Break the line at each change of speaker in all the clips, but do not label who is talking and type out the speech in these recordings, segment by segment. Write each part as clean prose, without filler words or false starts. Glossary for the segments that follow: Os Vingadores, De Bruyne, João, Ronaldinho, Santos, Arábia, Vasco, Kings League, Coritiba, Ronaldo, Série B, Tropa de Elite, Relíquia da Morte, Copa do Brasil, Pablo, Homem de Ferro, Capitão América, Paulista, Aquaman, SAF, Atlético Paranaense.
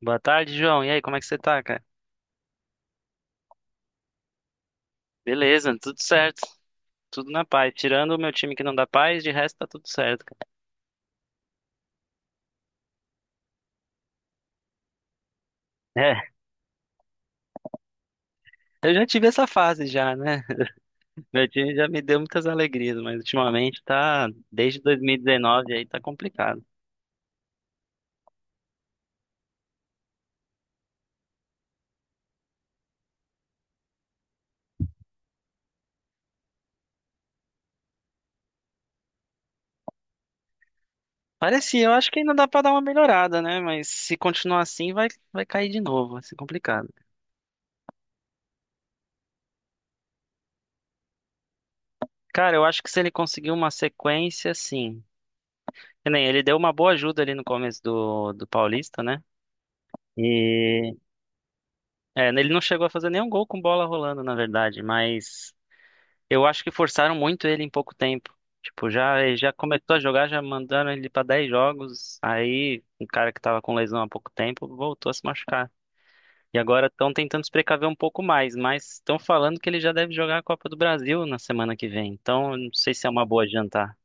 Boa tarde, João. E aí, como é que você tá, cara? Beleza, tudo certo. Tudo na paz. Tirando o meu time que não dá paz, de resto tá tudo certo, cara. É, eu já tive essa fase já, né? Meu time já me deu muitas alegrias, mas ultimamente desde 2019 aí tá complicado. Parecia, eu acho que ainda dá pra dar uma melhorada, né? Mas se continuar assim, vai cair de novo, vai ser complicado. Cara, eu acho que se ele conseguir uma sequência, sim. Que nem ele deu uma boa ajuda ali no começo do Paulista, né? E É, ele não chegou a fazer nenhum gol com bola rolando, na verdade, mas eu acho que forçaram muito ele em pouco tempo. Tipo, já ele já começou a jogar, já mandaram ele pra 10 jogos. Aí, um cara que tava com lesão há pouco tempo voltou a se machucar. E agora estão tentando se precaver um pouco mais, mas estão falando que ele já deve jogar a Copa do Brasil na semana que vem. Então, eu não sei se é uma boa adiantar.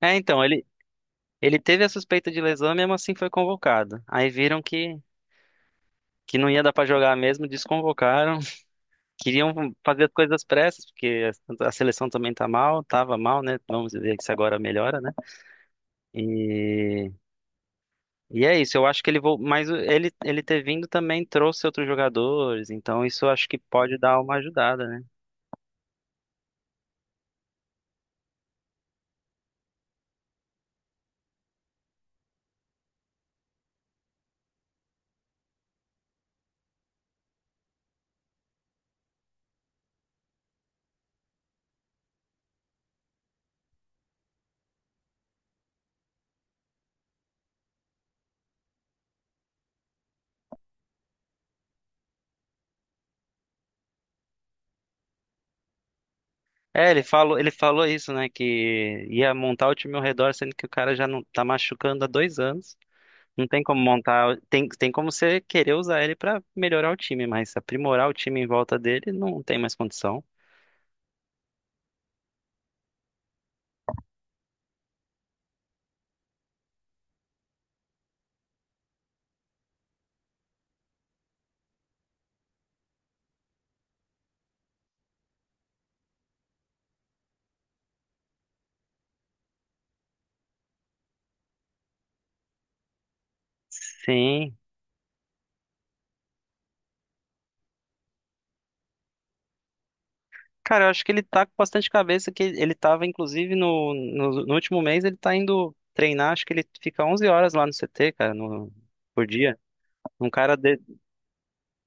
É, então, ele teve a suspeita de lesão, e mesmo assim foi convocado. Aí viram que não ia dar pra jogar mesmo, desconvocaram. Queriam fazer as coisas pressas, porque a seleção também tá mal, tava mal, né? Vamos ver se agora melhora, né? E, e é isso, eu acho que ele vou, mas ele ter vindo também trouxe outros jogadores, então isso eu acho que pode dar uma ajudada, né? É, ele falou isso, né, que ia montar o time ao redor, sendo que o cara já não tá machucando há 2 anos. Não tem como montar, tem como você querer usar ele pra melhorar o time, mas aprimorar o time em volta dele não tem mais condição. Sim. Cara, eu acho que ele tá com bastante cabeça, que ele tava, inclusive, no último mês, ele tá indo treinar, acho que ele fica 11 horas lá no CT, cara, no, por dia. Um cara de...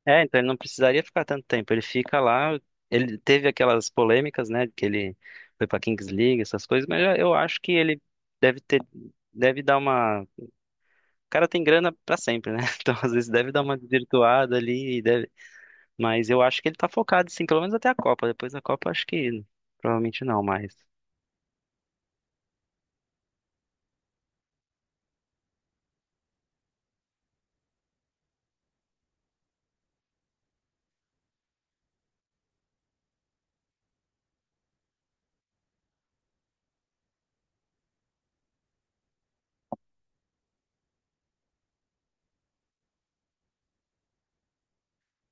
É, então ele não precisaria ficar tanto tempo, ele fica lá, ele teve aquelas polêmicas, né, que ele foi pra Kings League, essas coisas, mas eu acho que ele deve ter, deve dar uma... O cara tem grana pra sempre, né? Então, às vezes, deve dar uma desvirtuada ali, e deve... mas eu acho que ele tá focado, sim, pelo menos até a Copa, depois da Copa, acho que provavelmente não mais.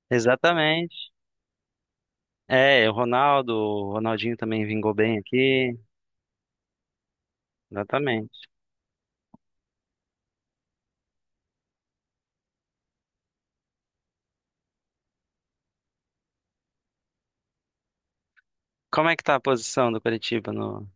Exatamente. É, o Ronaldo, o Ronaldinho também vingou bem aqui. Exatamente. Como é que tá a posição do Coritiba no.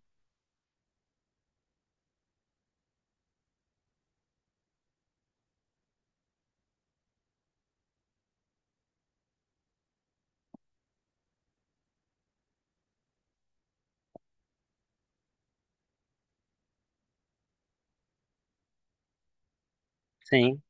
Sim,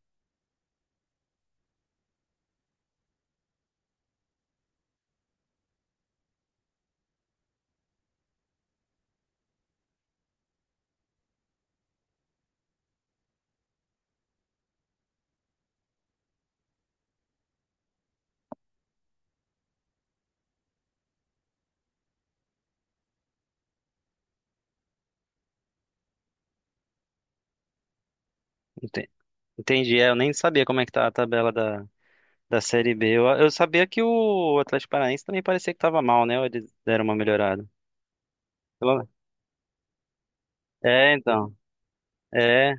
ente- entendi. É, eu nem sabia como é que tá a tabela da Série B. Eu sabia que o Atlético Paranaense também parecia que tava mal, né? Ou eles deram uma melhorada. Pelo- É, então. É.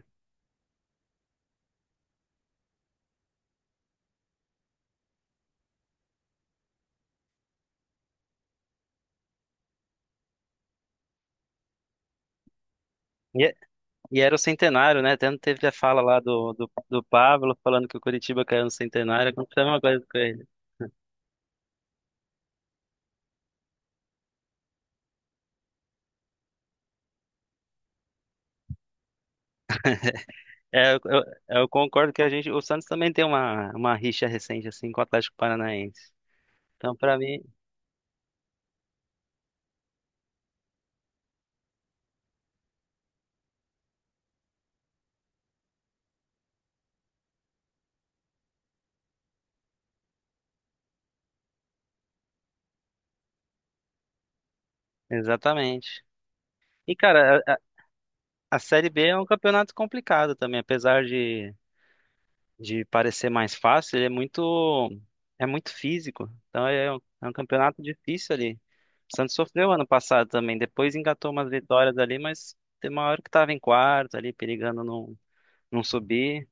E, é- e era o centenário, né? Até teve a fala lá do Pablo falando que o Coritiba caiu no centenário. Aconteceu uma coisa com ele. É, eu concordo que a gente, o Santos também tem uma rixa recente assim com o Atlético Paranaense. Então, pra mim, exatamente. E cara, a Série B é um campeonato complicado também, apesar de parecer mais fácil, ele é muito físico. Então é um campeonato difícil ali. O Santos sofreu ano passado também, depois engatou umas vitórias ali, mas tem uma hora que tava em quarto ali, perigando não, não subir.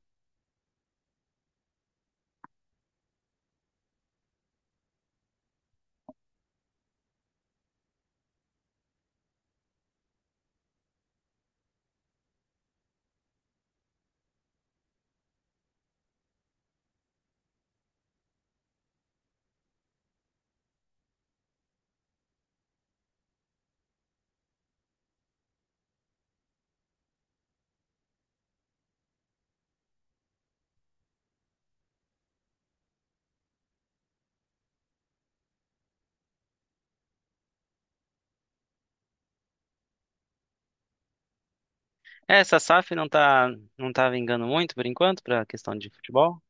É, essa SAF não tá não tá vingando muito por enquanto pra questão de futebol.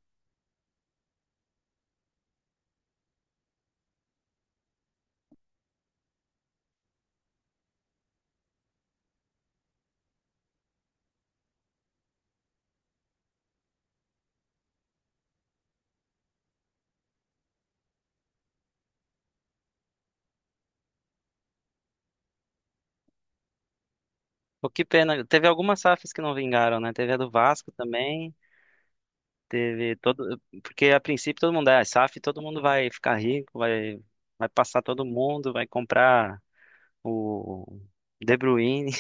Pô, que pena. Teve algumas SAFs que não vingaram, né? Teve a do Vasco também. Teve todo. Porque a princípio todo mundo é ah, SAF, todo mundo vai ficar rico, vai passar todo mundo, vai comprar o De Bruyne.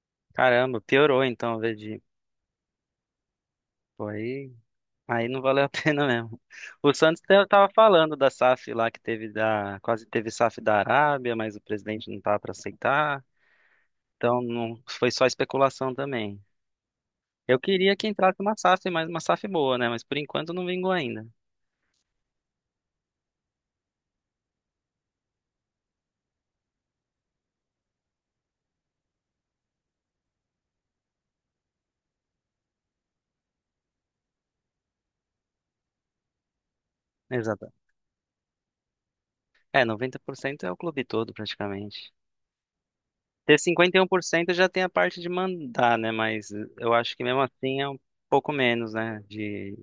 Caramba, piorou então, ao invés de. Pô, aí não valeu a pena mesmo. O Santos tava falando da SAF lá que teve da. Quase teve SAF da Arábia, mas o presidente não tava para aceitar. Então não foi só especulação também. Eu queria que entrasse uma SAF, mas uma SAF boa, né? Mas por enquanto não vingou ainda. Exato. É, 90% é o clube todo, praticamente. Ter 51% já tem a parte de mandar, né? Mas eu acho que mesmo assim é um pouco menos, né? De,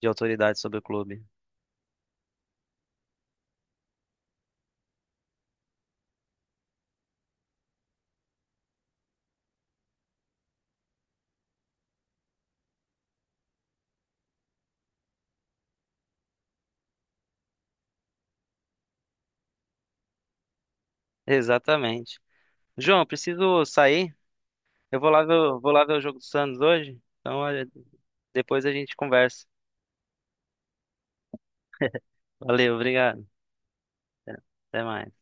de autoridade sobre o clube. Exatamente. João, eu preciso sair. Eu vou lá ver, o- vou lá ver o jogo do Santos hoje. Então, olha, depois a gente conversa. Valeu, obrigado. Até mais.